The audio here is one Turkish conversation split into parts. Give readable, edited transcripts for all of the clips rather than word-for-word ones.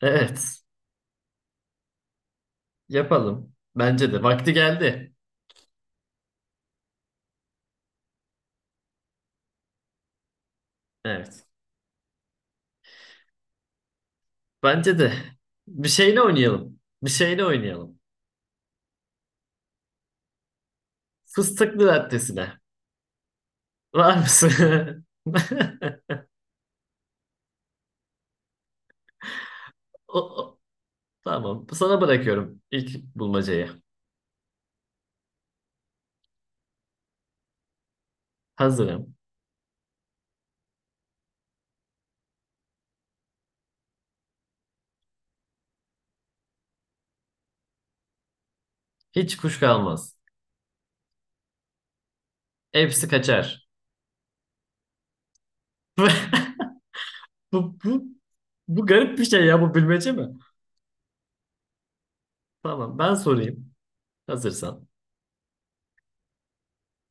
Evet, yapalım. Bence de. Vakti geldi. Evet. Bence de. Bir şeyle oynayalım. Bir şeyle oynayalım. Fıstıklı lattesine. Var mısın? O, o- Tamam. Sana bırakıyorum ilk bulmacayı. Hazırım. Hiç kuş kalmaz. Hepsi kaçar. Bu, bu, bu garip bir şey ya. Bu bilmece mi? Tamam. Ben sorayım. Hazırsan.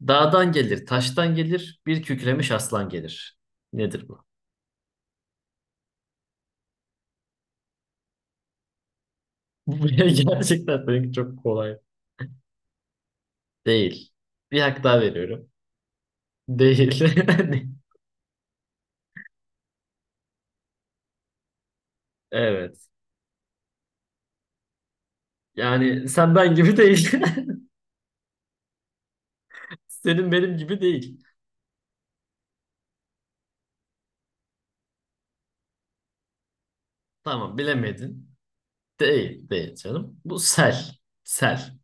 Dağdan gelir, taştan gelir, bir kükremiş aslan gelir. Nedir bu? Bu gerçekten benimki çok kolay. Değil. Bir hak daha veriyorum. Değil. Evet. Yani sen ben gibi değil. Senin benim gibi değil. Tamam bilemedin. Değil. Değil canım. Bu sel. Sel.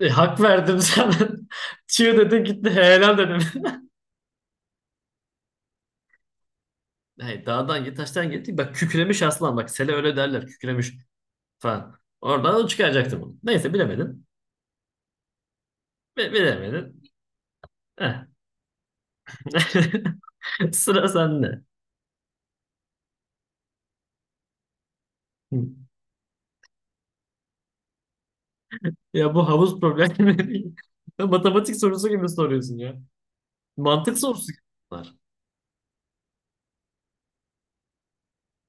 Hak verdim sana. Çığ dedin gitti. Helal dedim. Hayır, dağdan git taştan gitti. Bak kükremiş aslan. Bak sele öyle derler. Kükremiş falan. Oradan çıkaracaktım bunu. Neyse bilemedin. Bilemedin. Heh. Sıra sende. Ya bu havuz problemi değil. Matematik sorusu gibi soruyorsun ya. Mantık sorusu gibi bunlar.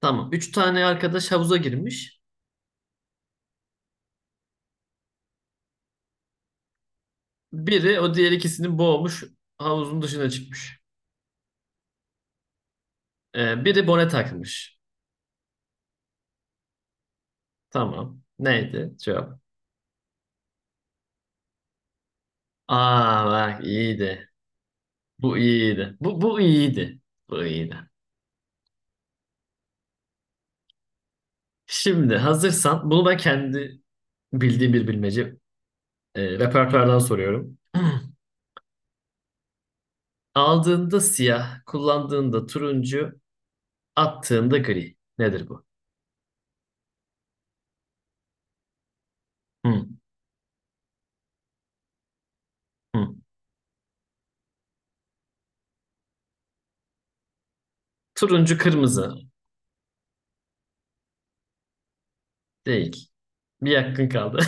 Tamam. Üç tane arkadaş havuza girmiş. Biri o diğer ikisini boğmuş. Havuzun dışına çıkmış. Biri bone takmış. Tamam. Neydi cevap? Aa bak iyiydi. Bu iyiydi. Bu iyiydi. Bu iyiydi. Şimdi hazırsan bunu ben kendi bildiğim bir bilmece repertuardan soruyorum. Aldığında siyah, kullandığında turuncu, attığında gri. Nedir bu? Hı, hı. Turuncu kırmızı değil. Bir yakın kaldı.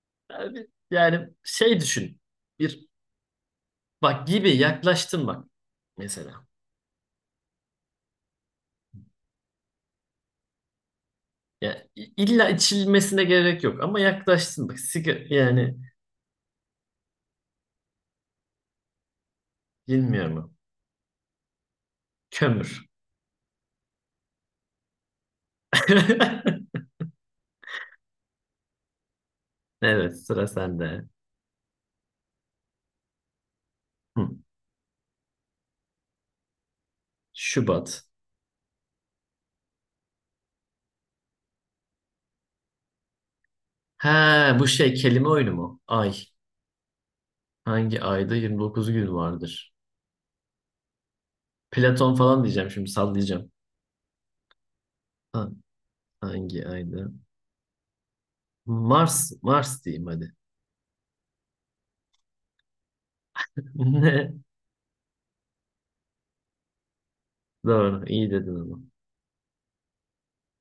Abi, yani şey düşün. Bir bak gibi yaklaştın bak mesela. Ya illa içilmesine gerek yok ama yaklaştın bak. Siga yani bilmiyorum. Kömür. Evet sıra sende. Hı. Şubat. Ha bu şey kelime oyunu mu? Ay. Hangi ayda 29 gün vardır? Platon falan diyeceğim şimdi sallayacağım. Ha. Hangi ayda? Mars, Mars diyeyim hadi. Ne? Doğru, iyi dedin ama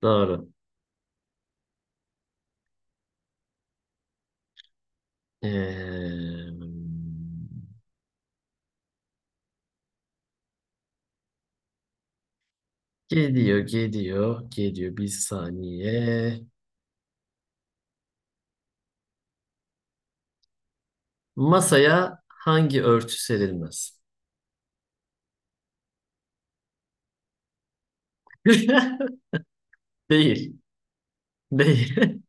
doğru. Ee, geliyor, geliyor, geliyor. Bir saniye. Masaya hangi örtü serilmez? Değil, değil.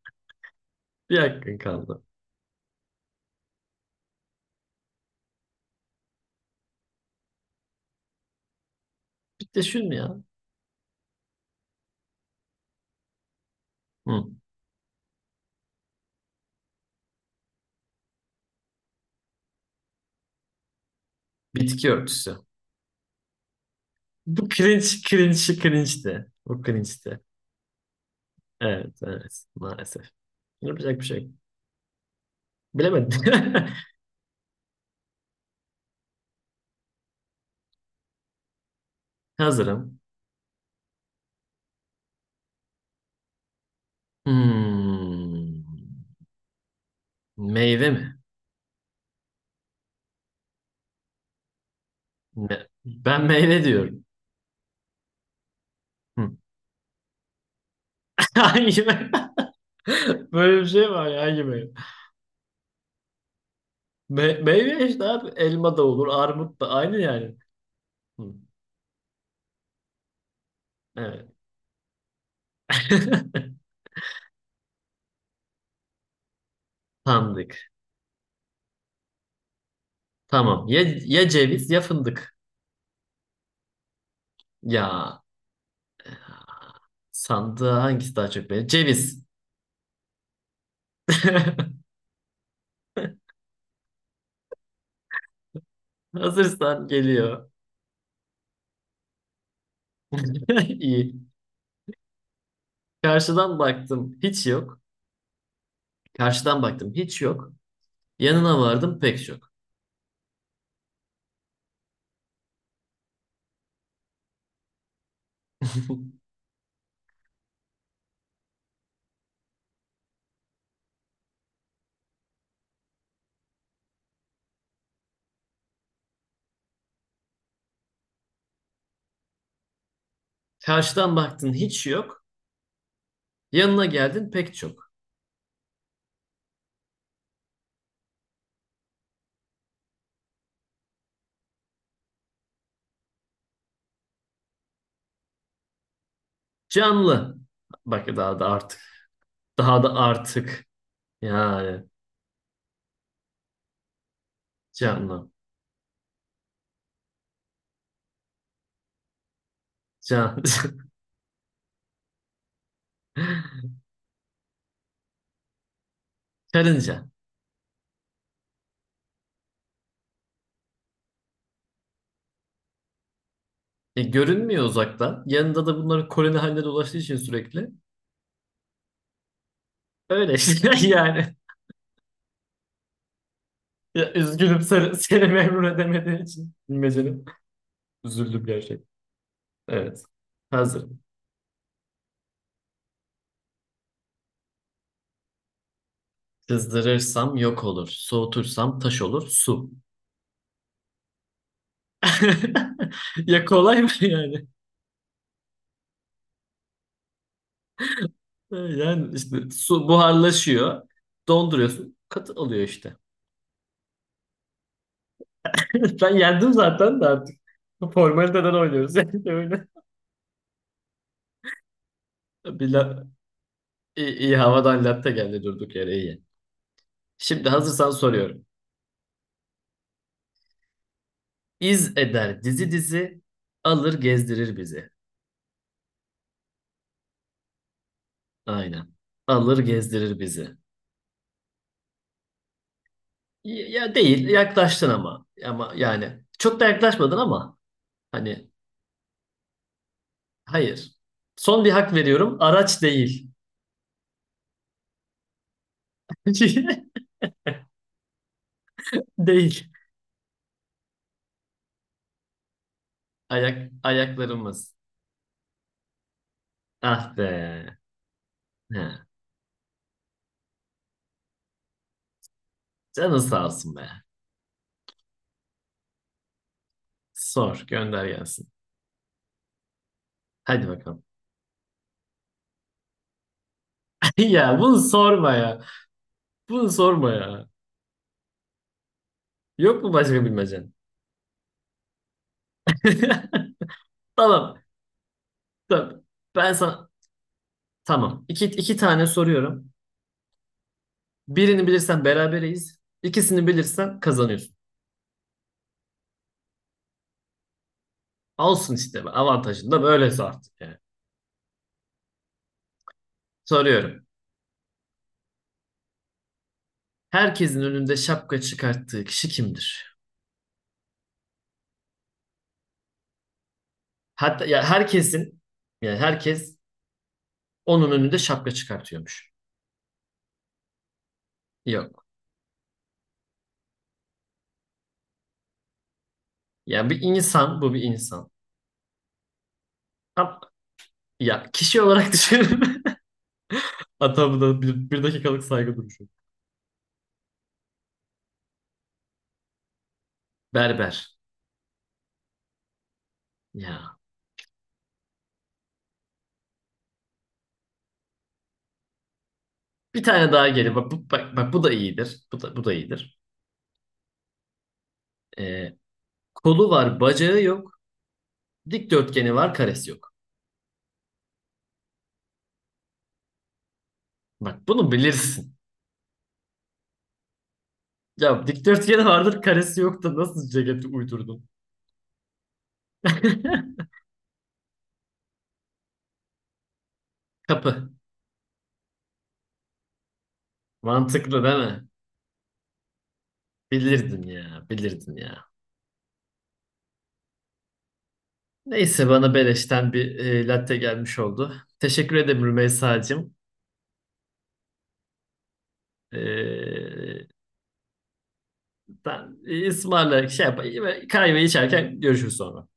Bir hakkın kaldı. Bir de şunu ya. Hı, bitki örtüsü. Bu cringe de bu cringe'ti. Evet, evet. Maalesef. Yapacak bir şey yok. Bilemedim. Hazırım. Hmm. Meyve mi? Ben meyve diyorum. Hı. Hangi meyve? Böyle bir şey var ya hangi meyve? Meyve işte abi. Elma da olur, armut da aynı yani. Hı. Evet. Sandık. Tamam. Ya, ya ceviz ya fındık. Ya sandığa hangisi daha çok beğenir? Ceviz. Hazırsan geliyor. İyi. Karşıdan baktım hiç yok. Karşıdan baktım hiç yok. Yanına vardım pek çok. Karşıdan baktın hiç yok. Yanına geldin pek çok. Canlı. Bak daha da artık. Daha da artık. Yani canlı. Can. Karınca. Görünmüyor uzaktan. Yanında da bunların koloni halinde dolaştığı için sürekli. Öyle işte yani. Ya, üzgünüm seni memnun edemediğim için. Bilmecenin. Üzüldüm gerçekten. Evet. Hazır. Kızdırırsam yok olur. Soğutursam taş olur. Su. Ya kolay mı yani? Yani işte su buharlaşıyor. Donduruyorsun. Katı oluyor işte. Ben yendim zaten de artık. Formaliteden oynuyoruz yani öyle. Bir la- iyi, havadan latte geldi durduk yere iyi. Şimdi hazırsan soruyorum. İz eder dizi dizi, alır gezdirir bizi. Aynen. Alır gezdirir bizi. Ya değil, yaklaştın ama. Ama yani çok da yaklaşmadın ama hani. Hayır. Son bir hak veriyorum. Araç değil. Değil. Ayaklarımız. Ah be. He. Canın sağ olsun be. Sor, gönder gelsin. Hadi bakalım. Ya bunu sorma ya. Bunu sorma ya. Yok mu başka bilmecen? Tamam. Tamam. Ben sana... Tamam. İki tane soruyorum. Birini bilirsen berabereyiz. İkisini bilirsen kazanıyorsun. Olsun işte. Avantajın da böylesi artık yani. Soruyorum. Herkesin önünde şapka çıkarttığı kişi kimdir? Hatta ya herkesin yani herkes onun önünde şapka çıkartıyormuş. Yok. Yani bir insan bu bir insan. Ama- Ya kişi olarak düşünün. Hatta da bir dakikalık saygı duruşu. Berber. Ya. Bir tane daha gelin. Bak, bu, bak bu da iyidir. Bu da iyidir. Ee, kolu var, bacağı yok. Dikdörtgeni var, karesi yok. Bak bunu bilirsin. Ya dikdörtgeni vardır, karesi yok da nasıl ceketi uydurdun? Kapı. Mantıklı değil mi? Bilirdin ya, bilirdin ya. Neyse bana beleşten bir latte gelmiş oldu. Teşekkür ederim Rümeysa'cığım. E, ben ısmarla şey yap, kahve içerken görüşürüz sonra.